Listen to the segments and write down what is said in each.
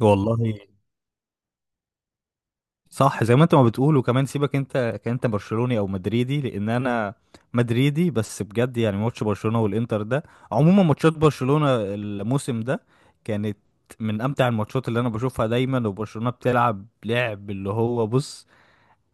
والله صح. زي ما انت ما بتقول، وكمان سيبك انت كأنت برشلوني او مدريدي، لان انا مدريدي. بس بجد يعني ماتش برشلونة والانتر ده، عموما ماتشات برشلونة الموسم ده، كانت من امتع الماتشات اللي انا بشوفها دايما. وبرشلونة بتلعب لعب اللي هو بص،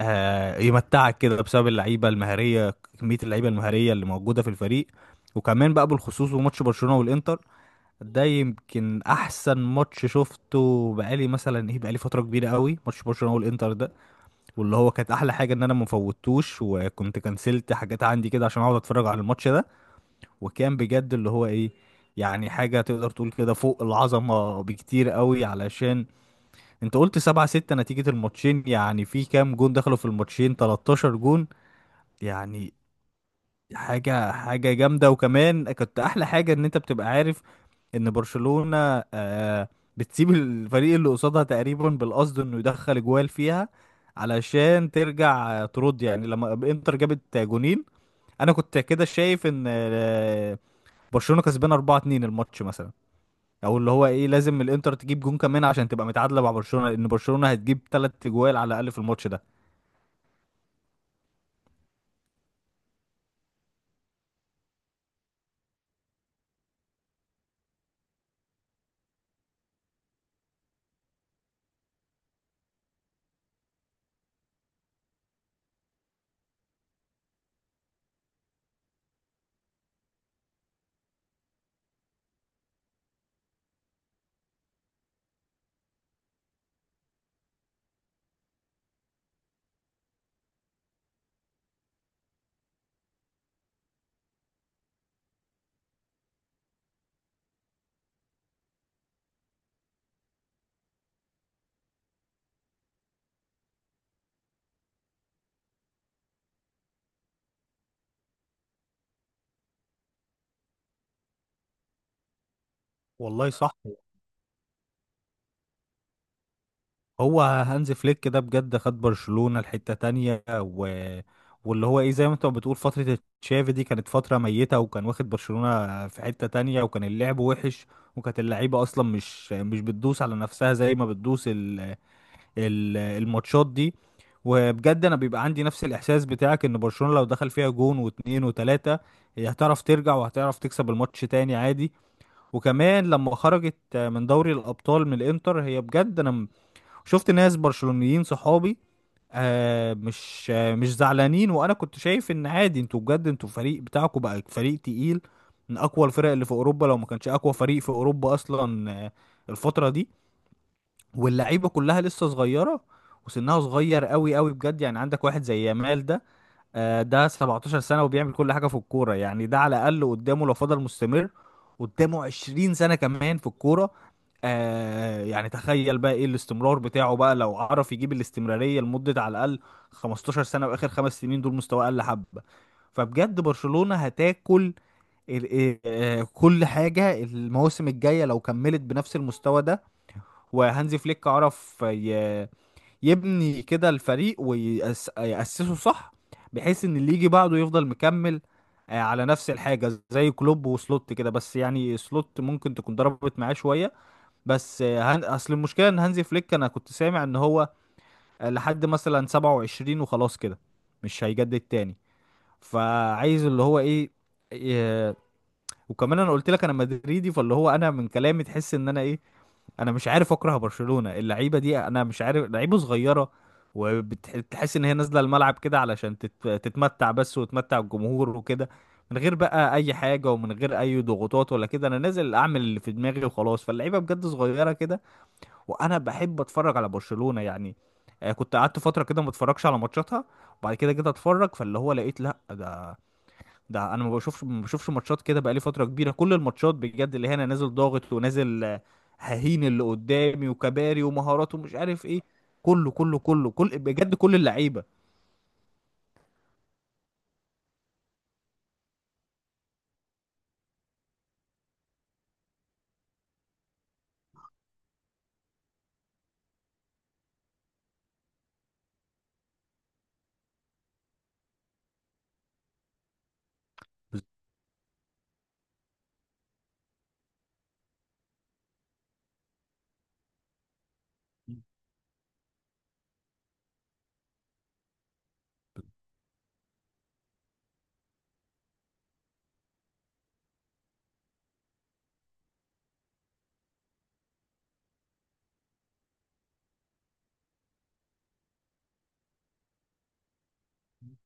يمتعك كده بسبب اللعيبة المهارية، كمية اللعيبة المهارية اللي موجودة في الفريق. وكمان بقى بالخصوص بماتش برشلونة والانتر ده، يمكن احسن ماتش شفته بقالي مثلا ايه، بقالي فتره كبيره قوي ماتش برشلونه والانتر ده. واللي هو كانت احلى حاجه ان انا ما فوتوش، وكنت كنسلت حاجات عندي كده عشان اقعد اتفرج على الماتش ده. وكان بجد اللي هو ايه، يعني حاجه تقدر تقول كده فوق العظمه بكتير قوي. علشان انت قلت 7 6 نتيجه الماتشين، يعني في كام جون دخلوا في الماتشين؟ 13 جون يعني، حاجة جامدة. وكمان كنت أحلى حاجة إن أنت بتبقى عارف إن برشلونة آه بتسيب الفريق اللي قصادها تقريبا بالقصد إنه يدخل جوال فيها، علشان ترجع ترد. يعني لما إنتر جابت جونين، أنا كنت كده شايف إن برشلونة كسبان 4-2 الماتش مثلا، أو اللي هو إيه لازم الإنتر تجيب جون كمان عشان تبقى متعادلة مع برشلونة، لأن برشلونة هتجيب تلات جوال على الأقل في الماتش ده. والله صح. هو هانز فليك كده بجد خد برشلونة لحتة تانية واللي هو ايه، زي ما انت بتقول فترة تشافي دي كانت فترة ميتة، وكان واخد برشلونة في حتة تانية، وكان اللعب وحش. وكانت اللعيبة اصلا مش بتدوس على نفسها زي ما بتدوس الماتشات دي. وبجد انا بيبقى عندي نفس الاحساس بتاعك، ان برشلونة لو دخل فيها جون واتنين وتلاتة، هي هتعرف ترجع وهتعرف تكسب الماتش تاني عادي. وكمان لما خرجت من دوري الابطال من الانتر، هي بجد انا شفت ناس برشلونيين صحابي مش مش زعلانين، وانا كنت شايف ان عادي، انتوا بجد انتوا فريق، بتاعكم بقى فريق تقيل، من اقوى الفرق اللي في اوروبا، لو ما كانش اقوى فريق في اوروبا اصلا الفترة دي. واللعيبة كلها لسه صغيرة وسنها صغير قوي قوي، بجد يعني عندك واحد زي يامال ده، ده 17 سنة وبيعمل كل حاجة في الكورة. يعني ده على الأقل قدامه لو فضل مستمر قدامه 20 سنة كمان في الكورة. يعني تخيل بقى ايه الاستمرار بتاعه بقى لو عرف يجيب الاستمرارية لمدة على الأقل 15 سنة، وآخر خمس سنين دول مستواه أقل حبة. فبجد برشلونة هتاكل كل حاجة المواسم الجاية لو كملت بنفس المستوى ده. وهانزي فليك عرف يبني كده الفريق ويأسسه صح، بحيث ان اللي يجي بعده يفضل مكمل على نفس الحاجة، زي كلوب وسلوت كده، بس يعني سلوت ممكن تكون ضربت معاه شوية. بس اصل المشكلة ان هانزي فليك انا كنت سامع ان هو لحد مثلا 27 وخلاص كده، مش هيجدد تاني. فعايز اللي هو ايه, إيه... وكمان انا قلت لك انا مدريدي، فاللي هو انا من كلامي تحس ان انا ايه، انا مش عارف اكره برشلونة، اللعيبة دي انا مش عارف لعيبة صغيرة. وبتحس ان هي نازلة الملعب كده علشان تتمتع بس، وتمتع الجمهور وكده، من غير بقى اي حاجة ومن غير اي ضغوطات ولا كده. انا نازل اعمل اللي في دماغي وخلاص، فاللعيبة بجد صغيرة كده. وانا بحب اتفرج على برشلونة يعني. كنت قعدت فترة كده ما اتفرجش على ماتشاتها، وبعد كده جيت اتفرج، فاللي هو لقيت لا ده، ده انا ما بشوفش ماتشات كده بقالي فتره كبيره. كل الماتشات بجد اللي هنا نازل ضاغط، ونازل ههين اللي قدامي، وكباري ومهارات ومش عارف ايه. كله كله كله كل بجد كل اللعيبه. بس-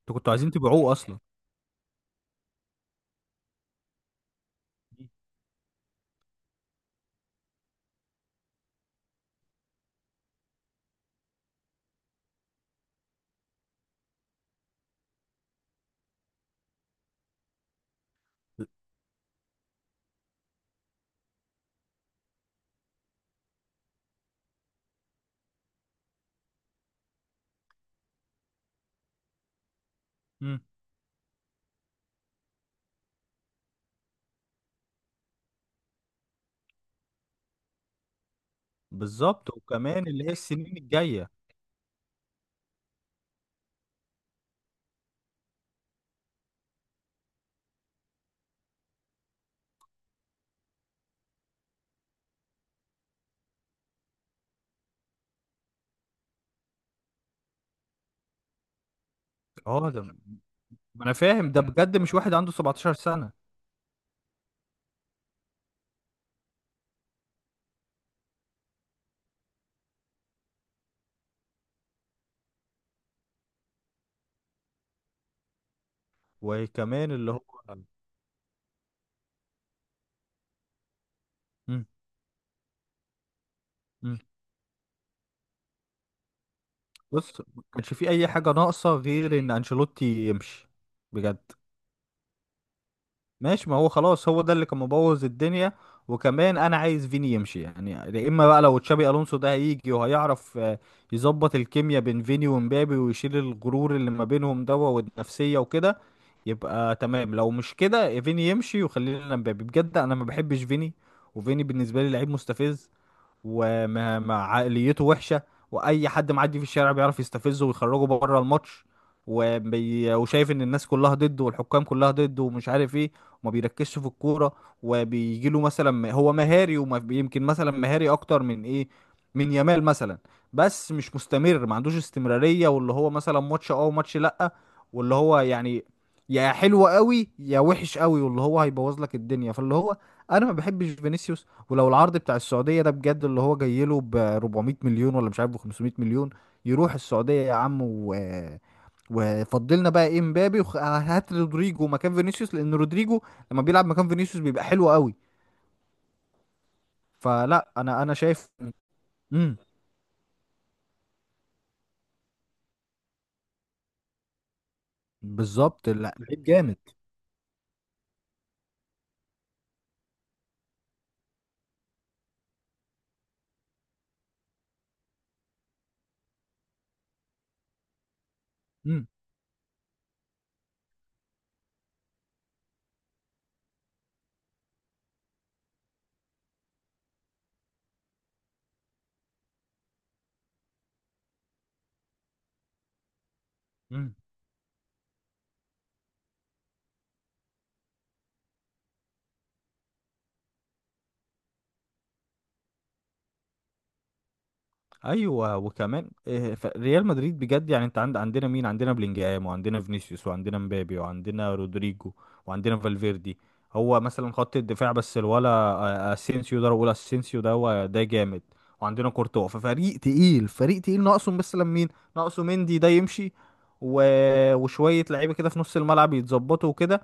انتوا كنتوا عايزين تبيعوه اصلا. امم، بالظبط. وكمان اللي هي السنين الجايه، اه ده، ما انا فاهم ده بجد، مش واحد عنده 17 سنه. وكمان اللي هو، امم. امم، بص ما كانش في اي حاجه ناقصه غير ان انشيلوتي يمشي، بجد. ماشي، ما هو خلاص هو ده اللي كان مبوظ الدنيا. وكمان انا عايز فيني يمشي، يعني يا اما بقى لو تشابي الونسو ده هيجي وهيعرف يظبط الكيمياء بين فيني ومبابي ويشيل الغرور اللي ما بينهم دوا والنفسية وكده، يبقى تمام. لو مش كده فيني يمشي وخلي لنا مبابي، بجد انا ما بحبش فيني. وفيني بالنسبة لي لعيب مستفز، وعقليته وحشه، واي حد معدي في الشارع بيعرف يستفزه ويخرجه بره الماتش. وشايف ان الناس كلها ضده والحكام كلها ضده ومش عارف ايه، وما بيركزش في الكوره. وبيجي له مثلا هو مهاري، ويمكن مثلا مهاري اكتر من ايه، من يامال مثلا، بس مش مستمر، ما عندوش استمراريه، واللي هو مثلا ماتش اه وماتش لا. واللي هو يعني، يا حلو قوي يا وحش قوي، واللي هو هيبوظ لك الدنيا. فاللي هو انا ما بحبش فينيسيوس. ولو العرض بتاع السعودية ده بجد اللي هو جاي له ب 400 مليون، ولا مش عارف ب 500 مليون، يروح السعودية يا عم وفضلنا بقى ايه مبابي، وهات رودريجو مكان فينيسيوس، لان رودريجو لما بيلعب مكان فينيسيوس بيبقى حلو قوي. فلا انا شايف. امم، بالظبط، لا لعيب جامد. امم. إمم. ايوه. وكمان ريال مدريد بجد يعني انت عند، عندنا بلينجهام، وعندنا فينيسيوس، وعندنا مبابي، وعندنا رودريجو، وعندنا فالفيردي. هو مثلا خط الدفاع بس، الولا اسينسيو ده، بقول اسينسيو ده هو ده جامد، وعندنا كورتوا. ففريق تقيل، فريق تقيل، ناقصه مثلا مين؟ ناقصه مندي ده يمشي، و... وشويه لعيبه كده في نص الملعب يتظبطوا وكده.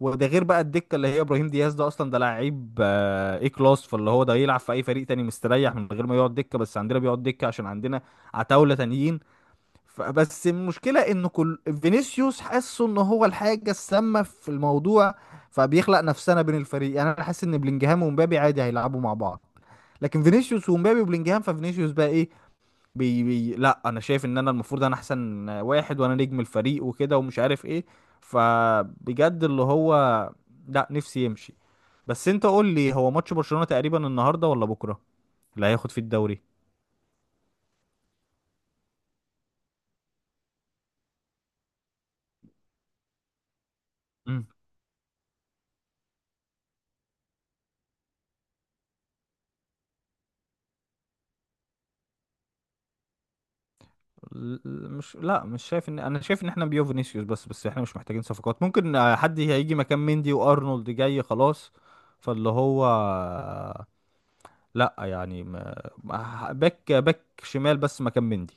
وده غير بقى الدكه اللي هي ابراهيم دياز، ده اصلا ده لعيب ايه كلاس، فاللي هو ده يلعب في اي فريق تاني مستريح من غير ما يقعد دكه، بس عندنا بيقعد دكه عشان عندنا عتاوله تانيين. فبس المشكله ان كل فينيسيوس حاسه ان هو الحاجه السامه في الموضوع، فبيخلق نفسنا بين الفريق. يعني انا حاسس ان بلينجهام ومبابي عادي هيلعبوا مع بعض، لكن فينيسيوس ومبابي وبلينجهام، ففينيسيوس بقى ايه، بي بي لا انا شايف ان انا المفروض انا احسن واحد وانا نجم الفريق وكده ومش عارف ايه. فبجد اللي هو لا نفسي يمشي. بس انت قول لي، هو ماتش برشلونة تقريبا النهارده ولا بكره اللي هياخد فيه الدوري؟ مم. ل- مش لا مش شايف، ان انا شايف ان احنا بيو فينيسيوس بس. احنا مش محتاجين صفقات، ممكن حد هيجي مكان مندي، وارنولد جاي خلاص، فاللي هو لا يعني باك، باك شمال بس مكان مندي،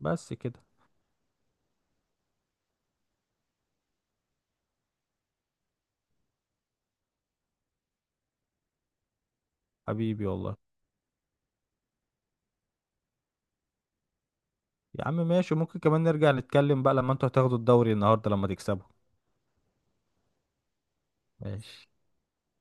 بس كده. حبيبي والله، يا عم ماشي، ممكن كمان نرجع نتكلم بقى لما انتوا هتاخدوا الدوري النهارده لما تكسبوا. ماشي.